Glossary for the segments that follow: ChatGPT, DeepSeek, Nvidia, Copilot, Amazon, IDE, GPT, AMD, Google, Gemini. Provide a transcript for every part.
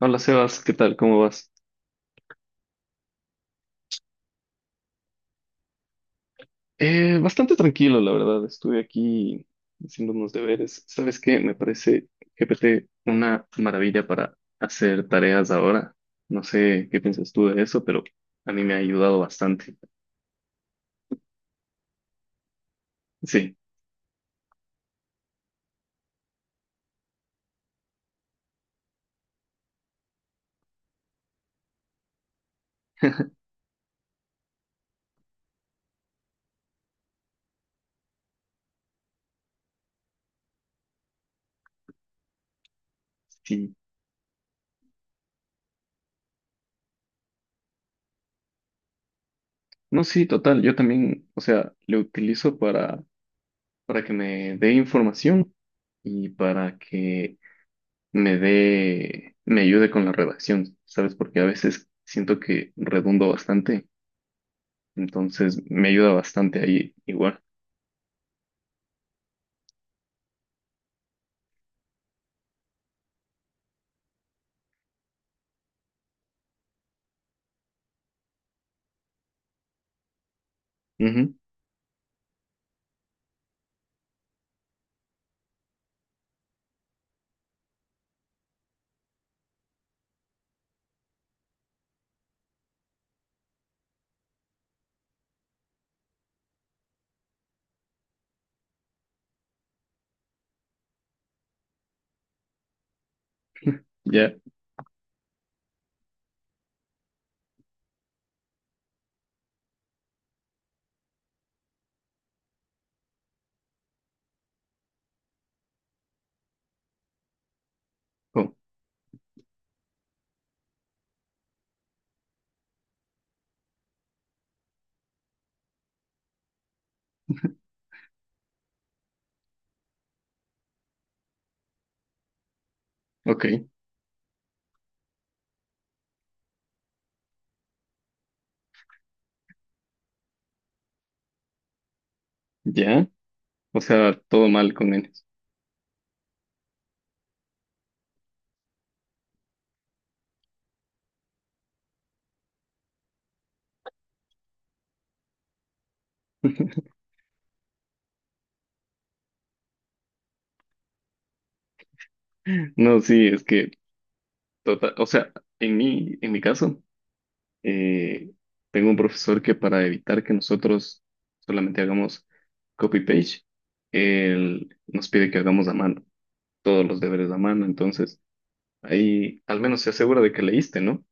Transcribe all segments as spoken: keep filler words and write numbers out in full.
Hola Sebas, ¿qué tal? ¿Cómo vas? Eh, bastante tranquilo, la verdad. Estuve aquí haciendo unos deberes. ¿Sabes qué? Me parece G P T una maravilla para hacer tareas ahora. No sé qué piensas tú de eso, pero a mí me ha ayudado bastante. Sí, sí. No, sí, total. Yo también, o sea, lo utilizo para, para que me dé información y para que me dé, me ayude con la redacción, ¿sabes? Porque a veces siento que redundo bastante. Entonces me ayuda bastante ahí igual. Ujú. Ya. Oh, ok. Ya. O sea, todo mal con N. No, sí, es que total, o sea, en mi, en mi caso, eh, tengo un profesor que, para evitar que nosotros solamente hagamos copy-paste, él nos pide que hagamos a mano, todos los deberes a mano. Entonces, ahí al menos se asegura de que leíste, ¿no?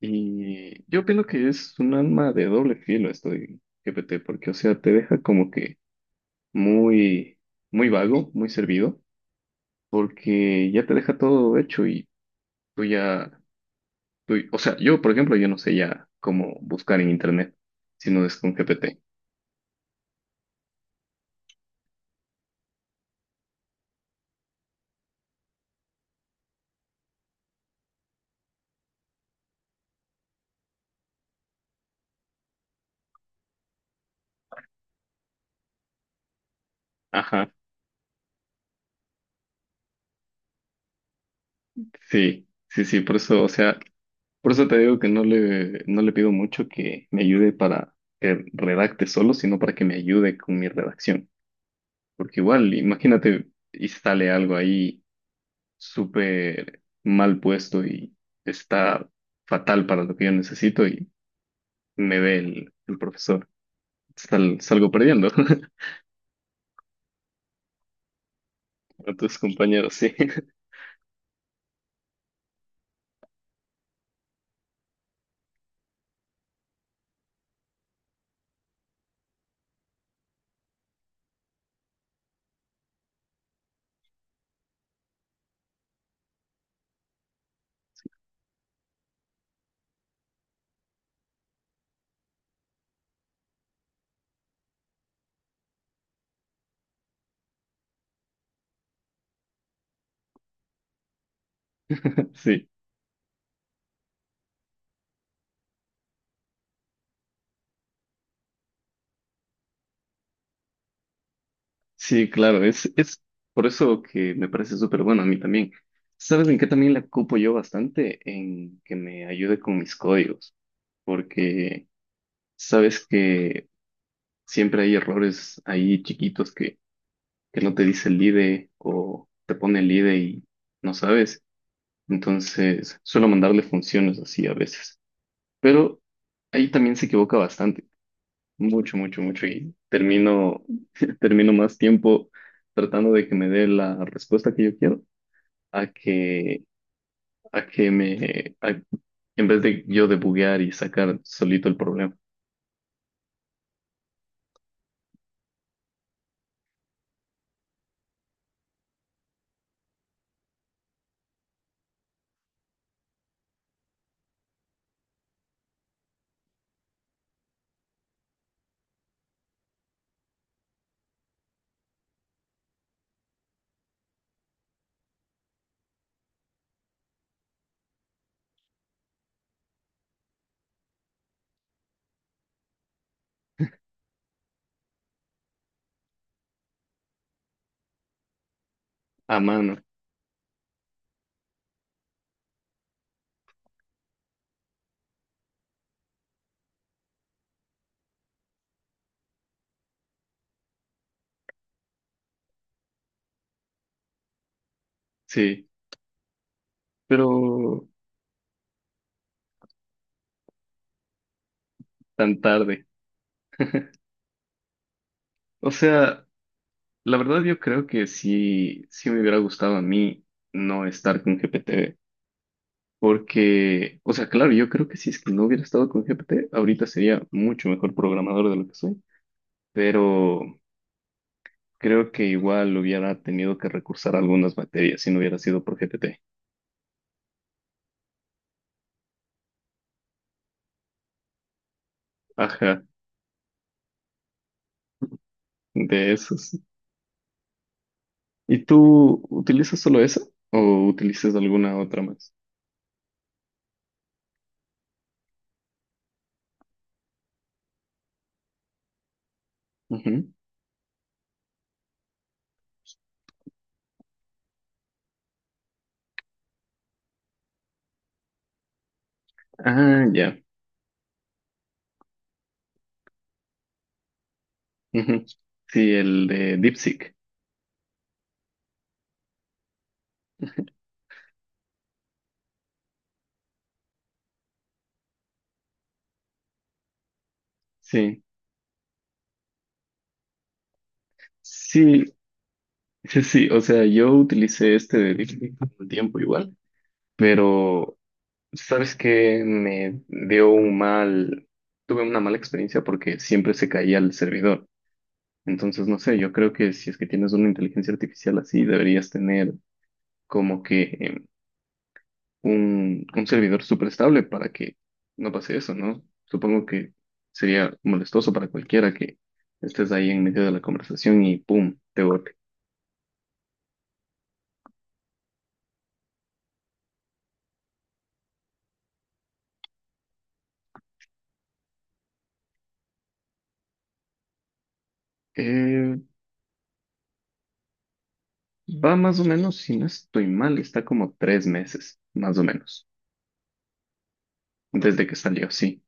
Y yo opino que es un alma de doble filo esto de G P T, porque, o sea, te deja como que muy, muy vago, muy servido, porque ya te deja todo hecho y tú ya, tú- o sea, yo, por ejemplo, yo no sé ya cómo buscar en internet, si no es con G P T. Ajá, sí, sí, sí, por eso, o sea, por eso te digo que no le, no le pido mucho que me ayude para que redacte solo, sino para que me ayude con mi redacción, porque igual, imagínate y sale algo ahí súper mal puesto y está fatal para lo que yo necesito y me ve el, el profesor. Sal- salgo perdiendo. a tus compañeros, sí. sí, sí, claro, es, es por eso que me parece súper bueno a mí también. ¿Sabes en qué también la ocupo yo bastante? En que me ayude con mis códigos, porque sabes que siempre hay errores ahí chiquitos que, que no te dice el I D E o te pone el I D E y no sabes. Entonces, suelo mandarle funciones así a veces. Pero ahí también se equivoca bastante, mucho, mucho, mucho. Y termino, termino más tiempo tratando de que me dé la respuesta que yo quiero a que, a que me, a- en vez de yo debuguear y sacar solito el problema a mano. Sí, pero tan tarde. O sea, la verdad yo creo que sí, sí me hubiera gustado a mí no estar con G P T. Porque, o sea, claro, yo creo que si es que no hubiera estado con G P T, ahorita sería mucho mejor programador de lo que soy, pero creo que igual hubiera tenido que recursar a algunas materias si no hubiera sido por G P T. Ajá, de esos. ¿Y tú utilizas solo eso o utilizas alguna otra más? Ujú. Ah, ya. Ujú. Sí, el de DeepSeek. Sí, sí, sí, sí. O sea, yo utilicé este de DeepSeek un tiempo igual, pero sabes que me dio un mal, tuve una mala experiencia porque siempre se caía el servidor. Entonces, no sé, yo creo que si es que tienes una inteligencia artificial así, deberías tener como que eh, un, un servidor súper estable para que no pase eso, ¿no? Supongo que sería molestoso para cualquiera que estés ahí en medio de la conversación y ¡pum! Te bote. Eh, va más o menos, si no estoy mal, está como tres meses, más o menos, desde que salió, sí.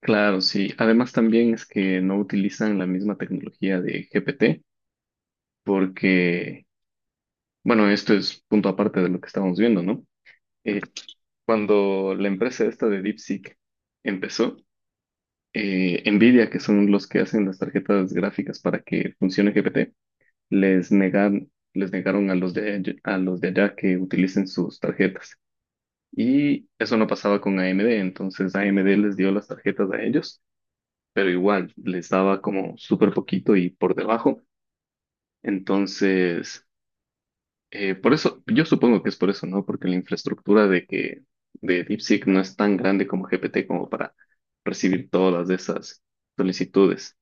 Claro, sí. Además también es que no utilizan la misma tecnología de G P T porque, bueno, esto es punto aparte de lo que estábamos viendo, ¿no? Eh, cuando la empresa esta de DeepSeek empezó, eh, Nvidia, que son los que hacen las tarjetas gráficas para que funcione G P T, les negan, les negaron a los de, all- a los de allá que utilicen sus tarjetas. Y eso no pasaba con A M D, entonces A M D les dio las tarjetas a ellos, pero igual les daba como súper poquito y por debajo. Entonces, eh, por eso, yo supongo que es por eso, ¿no? Porque la infraestructura de que de DeepSeek no es tan grande como G P T como para recibir todas de esas solicitudes.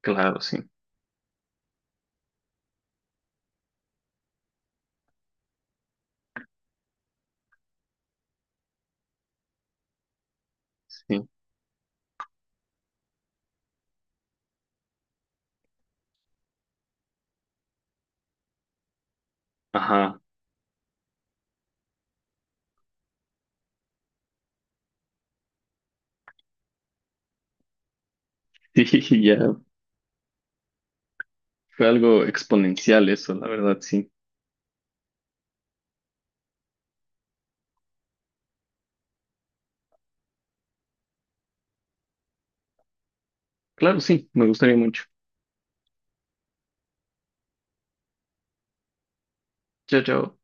Claro, sí, sí. Ajá. Sí, ya fue algo exponencial eso, la verdad, sí. Claro, sí, me gustaría mucho. Chao, chao.